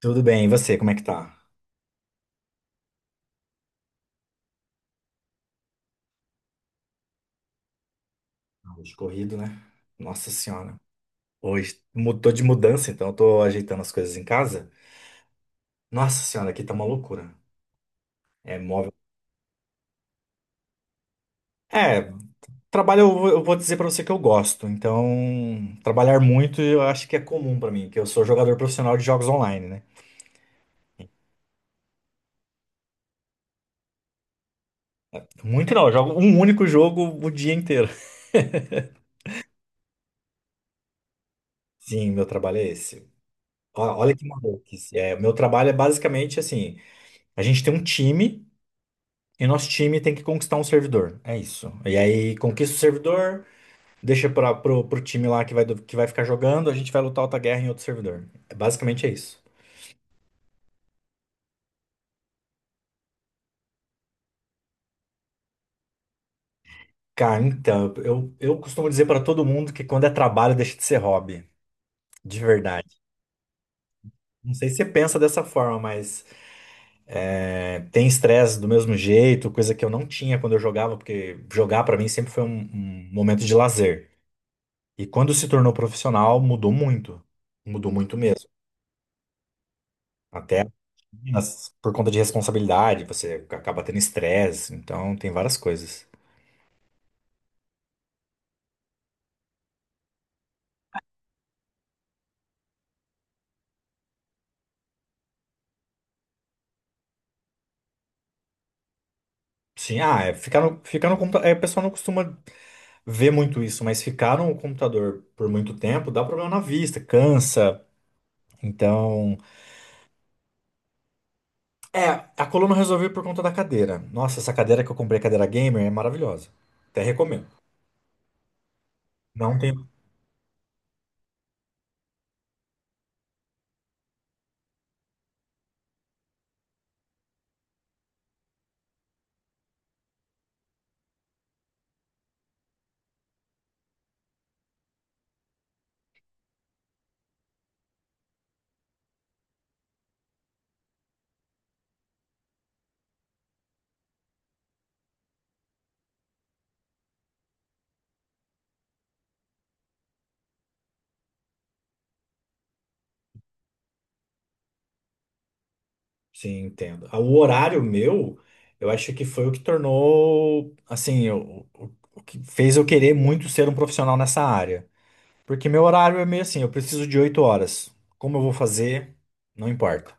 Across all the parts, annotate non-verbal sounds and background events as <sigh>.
Tudo bem, e você, como é que tá? Hoje corrido, né? Nossa senhora. Hoje tô de mudança, então eu tô ajeitando as coisas em casa. Nossa senhora, aqui tá uma loucura. É móvel. É, trabalho eu vou dizer pra você que eu gosto. Então, trabalhar muito eu acho que é comum pra mim, que eu sou jogador profissional de jogos online, né? Muito não, eu jogo um único jogo o dia inteiro. Sim, meu trabalho é esse. Ó, olha que maluquice. É, meu trabalho é basicamente assim, a gente tem um time e nosso time tem que conquistar um servidor. É isso. E aí conquista o servidor, deixa pro time lá que vai, que vai ficar jogando, a gente vai lutar outra guerra em outro servidor. É, basicamente é isso. Cara, então, eu costumo dizer para todo mundo que quando é trabalho deixa de ser hobby. De verdade. Não sei se você pensa dessa forma, mas tem estresse do mesmo jeito, coisa que eu não tinha quando eu jogava, porque jogar para mim sempre foi um momento de lazer. E quando se tornou profissional, mudou muito. Mudou muito mesmo. Até Mas por conta de responsabilidade, você acaba tendo estresse, então tem várias coisas. Sim, ah, é ficar no computador. É, o pessoal não costuma ver muito isso, mas ficar no computador por muito tempo dá problema na vista, cansa. Então. É, a coluna eu resolvi por conta da cadeira. Nossa, essa cadeira que eu comprei, cadeira gamer, é maravilhosa. Até recomendo. Não tem. Sim, entendo. O horário meu, eu acho que foi o que tornou, assim, o que fez eu querer muito ser um profissional nessa área. Porque meu horário é meio assim, eu preciso de 8 horas. Como eu vou fazer, não importa,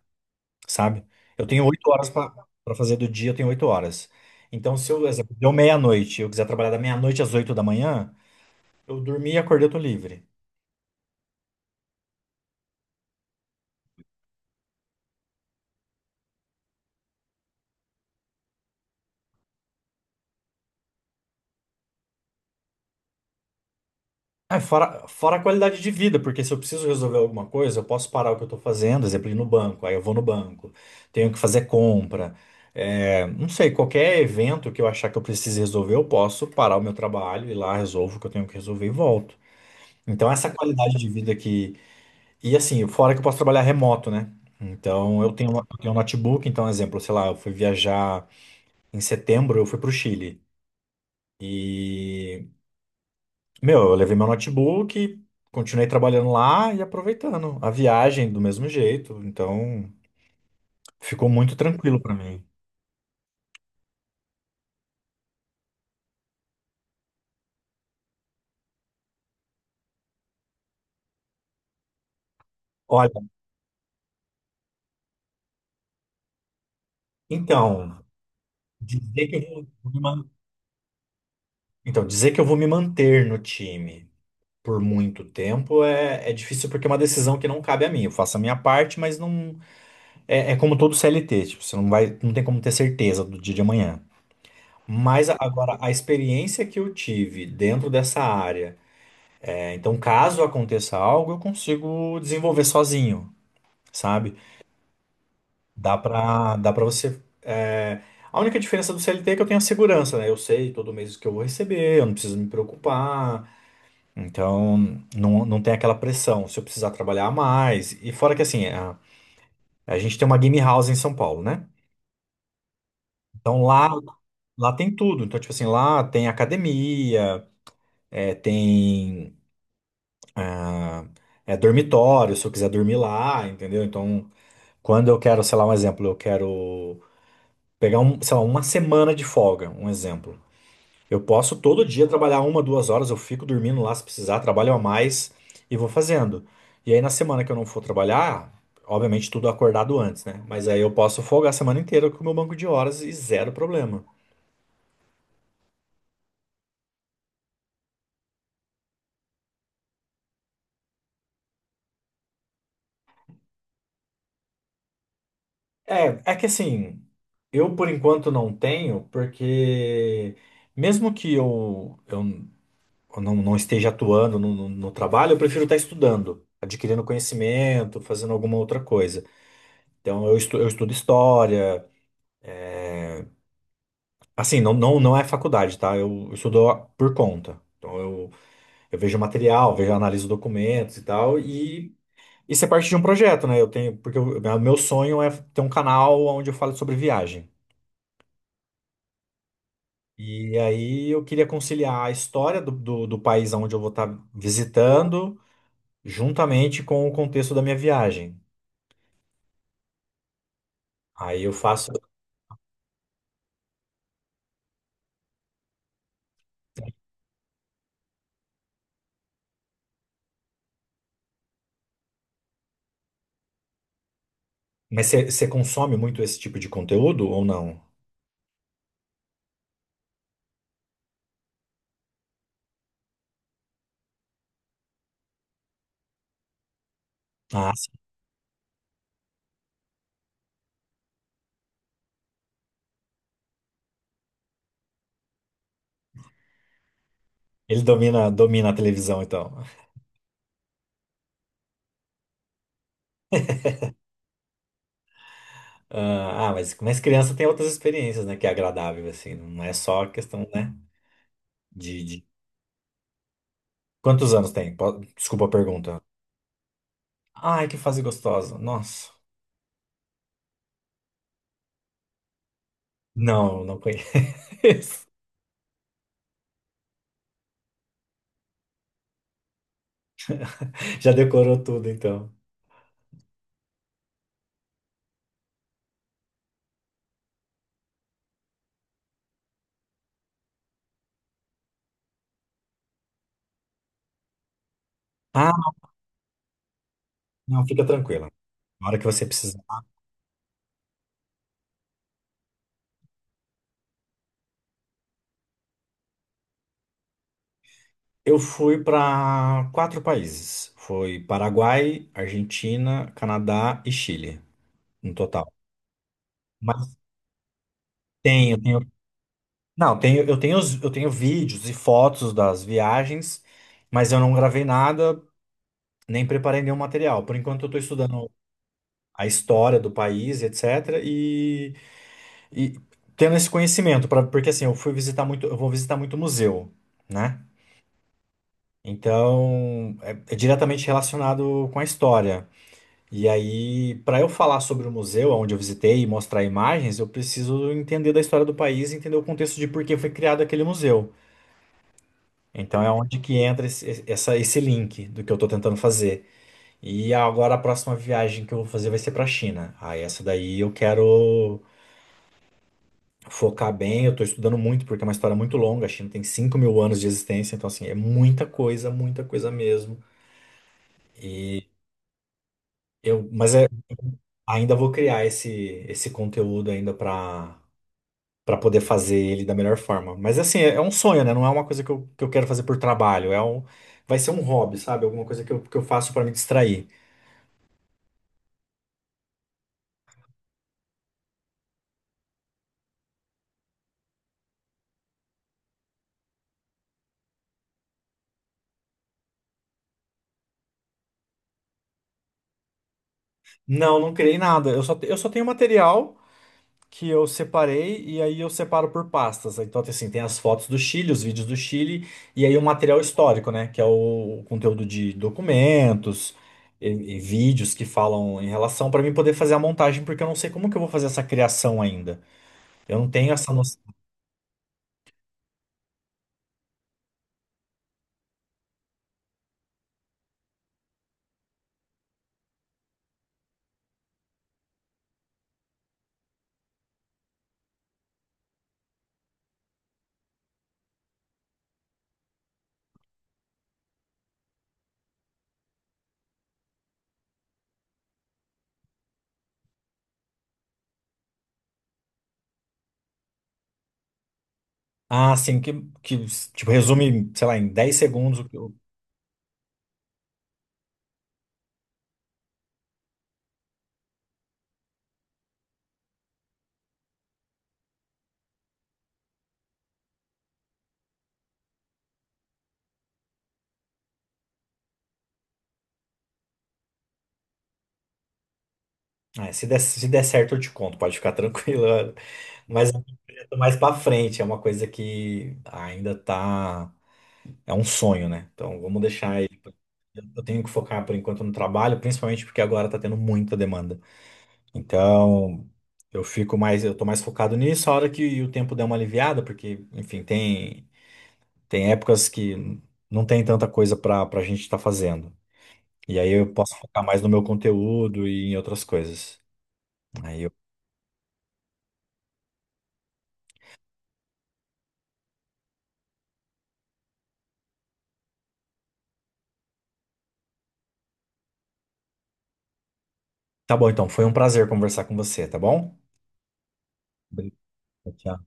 sabe? Eu tenho 8 horas para fazer do dia, eu tenho 8 horas. Então, se eu, exemplo, deu meia-noite, eu quiser trabalhar da meia-noite às 8 da manhã, eu dormi e acordei, eu tô livre. Ah, fora a qualidade de vida, porque se eu preciso resolver alguma coisa, eu posso parar o que eu tô fazendo, exemplo, ir no banco, aí eu vou no banco, tenho que fazer compra. Não sei, qualquer evento que eu achar que eu precise resolver, eu posso parar o meu trabalho, ir lá, resolvo o que eu tenho que resolver e volto. Então, essa qualidade de vida que. E assim, fora que eu posso trabalhar remoto, né? Então, eu tenho um notebook. Então, exemplo, sei lá, eu fui viajar em setembro, eu fui pro Chile. E, meu, eu levei meu notebook, continuei trabalhando lá e aproveitando a viagem do mesmo jeito. Então, ficou muito tranquilo para mim. Olha, então, dizer que eu vou vou me man- dizer que eu vou me manter no time por muito tempo é difícil porque é uma decisão que não cabe a mim. Eu faço a minha parte, mas não. É como todo CLT, tipo, você não vai, não tem como ter certeza do dia de amanhã. Mas agora, a experiência que eu tive dentro dessa área, então caso aconteça algo, eu consigo desenvolver sozinho, sabe? Dá pra você. A única diferença do CLT é que eu tenho a segurança, né? Eu sei todo mês o que eu vou receber, eu não preciso me preocupar. Então, não, não tem aquela pressão se eu precisar trabalhar mais. E fora que assim, a gente tem uma game house em São Paulo, né? Então lá. Lá tem tudo. Então, tipo assim, lá tem academia, tem ah, dormitório, se eu quiser dormir lá, entendeu? Então, quando eu quero, sei lá, um exemplo, eu quero pegar, um, sei lá, uma semana de folga, um exemplo. Eu posso todo dia trabalhar uma, duas horas, eu fico dormindo lá se precisar, trabalho a mais e vou fazendo. E aí, na semana que eu não for trabalhar, obviamente tudo acordado antes, né? Mas aí eu posso folgar a semana inteira com o meu banco de horas e zero problema. É, é que assim, eu por enquanto não tenho, porque mesmo que eu não esteja atuando no trabalho, eu prefiro estar estudando, adquirindo conhecimento, fazendo alguma outra coisa. Então eu estudo história, assim, não é faculdade, tá? Eu estudo por conta. Então eu vejo material, vejo, analiso documentos e tal, e isso é parte de um projeto, né? Eu tenho, porque o meu sonho é ter um canal onde eu falo sobre viagem. E aí eu queria conciliar a história do país onde eu vou estar visitando, juntamente com o contexto da minha viagem. Aí eu faço. Mas você consome muito esse tipo de conteúdo ou não? Ah, sim. Ele domina, domina a televisão, então. Ah, ah, mas criança tem outras experiências, né? Que é agradável, assim. Não é só questão, né? De. Quantos anos tem? Desculpa a pergunta. Ai, que fase gostosa. Nossa. Não, não conheço. <laughs> Já decorou tudo, então. Ah, não, fica tranquila. Na hora que você precisar. Eu fui para quatro países. Foi Paraguai, Argentina, Canadá e Chile, no total. Mas tenho, não, tenho, eu tenho, os- eu tenho vídeos e fotos das viagens, mas eu não gravei nada, nem preparei nenhum material. Por enquanto eu estou estudando a história do país, etc. E tendo esse conhecimento, pra, porque assim, eu fui visitar muito, eu vou visitar muito museu, né? Então, é diretamente relacionado com a história. E aí, para eu falar sobre o museu onde eu visitei e mostrar imagens, eu preciso entender da história do país, e entender o contexto de por que foi criado aquele museu. Então é onde que entra esse link do que eu estou tentando fazer. E agora a próxima viagem que eu vou fazer vai ser para a China. Ah, essa daí eu quero focar bem. Eu estou estudando muito porque é uma história muito longa. A China tem 5.000 anos de existência, então assim é muita coisa mesmo. E mas ainda vou criar esse conteúdo ainda para Pra poder fazer ele da melhor forma. Mas assim, é um sonho, né? Não é uma coisa que eu quero fazer por trabalho. É um, vai ser um hobby, sabe? Alguma coisa que eu faço pra me distrair. Não, não criei nada. Eu só tenho material que eu separei e aí eu separo por pastas. Então, assim, tem as fotos do Chile, os vídeos do Chile e aí o material histórico, né? Que é o conteúdo de documentos e vídeos que falam em relação para mim poder fazer a montagem, porque eu não sei como que eu vou fazer essa criação ainda. Eu não tenho essa noção. Ah, sim, que tipo, resume, sei lá, em 10 segundos o que eu. Ah, se der certo, eu te conto, pode ficar tranquilo. <laughs> Mas é um projeto mais pra frente, é uma coisa que ainda tá. É um sonho, né? Então vamos deixar aí. Eu tenho que focar por enquanto no trabalho, principalmente porque agora tá tendo muita demanda. Então eu fico mais, eu tô mais focado nisso, a hora que o tempo der uma aliviada, porque, enfim, tem épocas que não tem tanta coisa pra gente estar fazendo. E aí eu posso focar mais no meu conteúdo e em outras coisas. Aí eu. Tá bom, então. Foi um prazer conversar com você, tá bom? Obrigado. Tchau.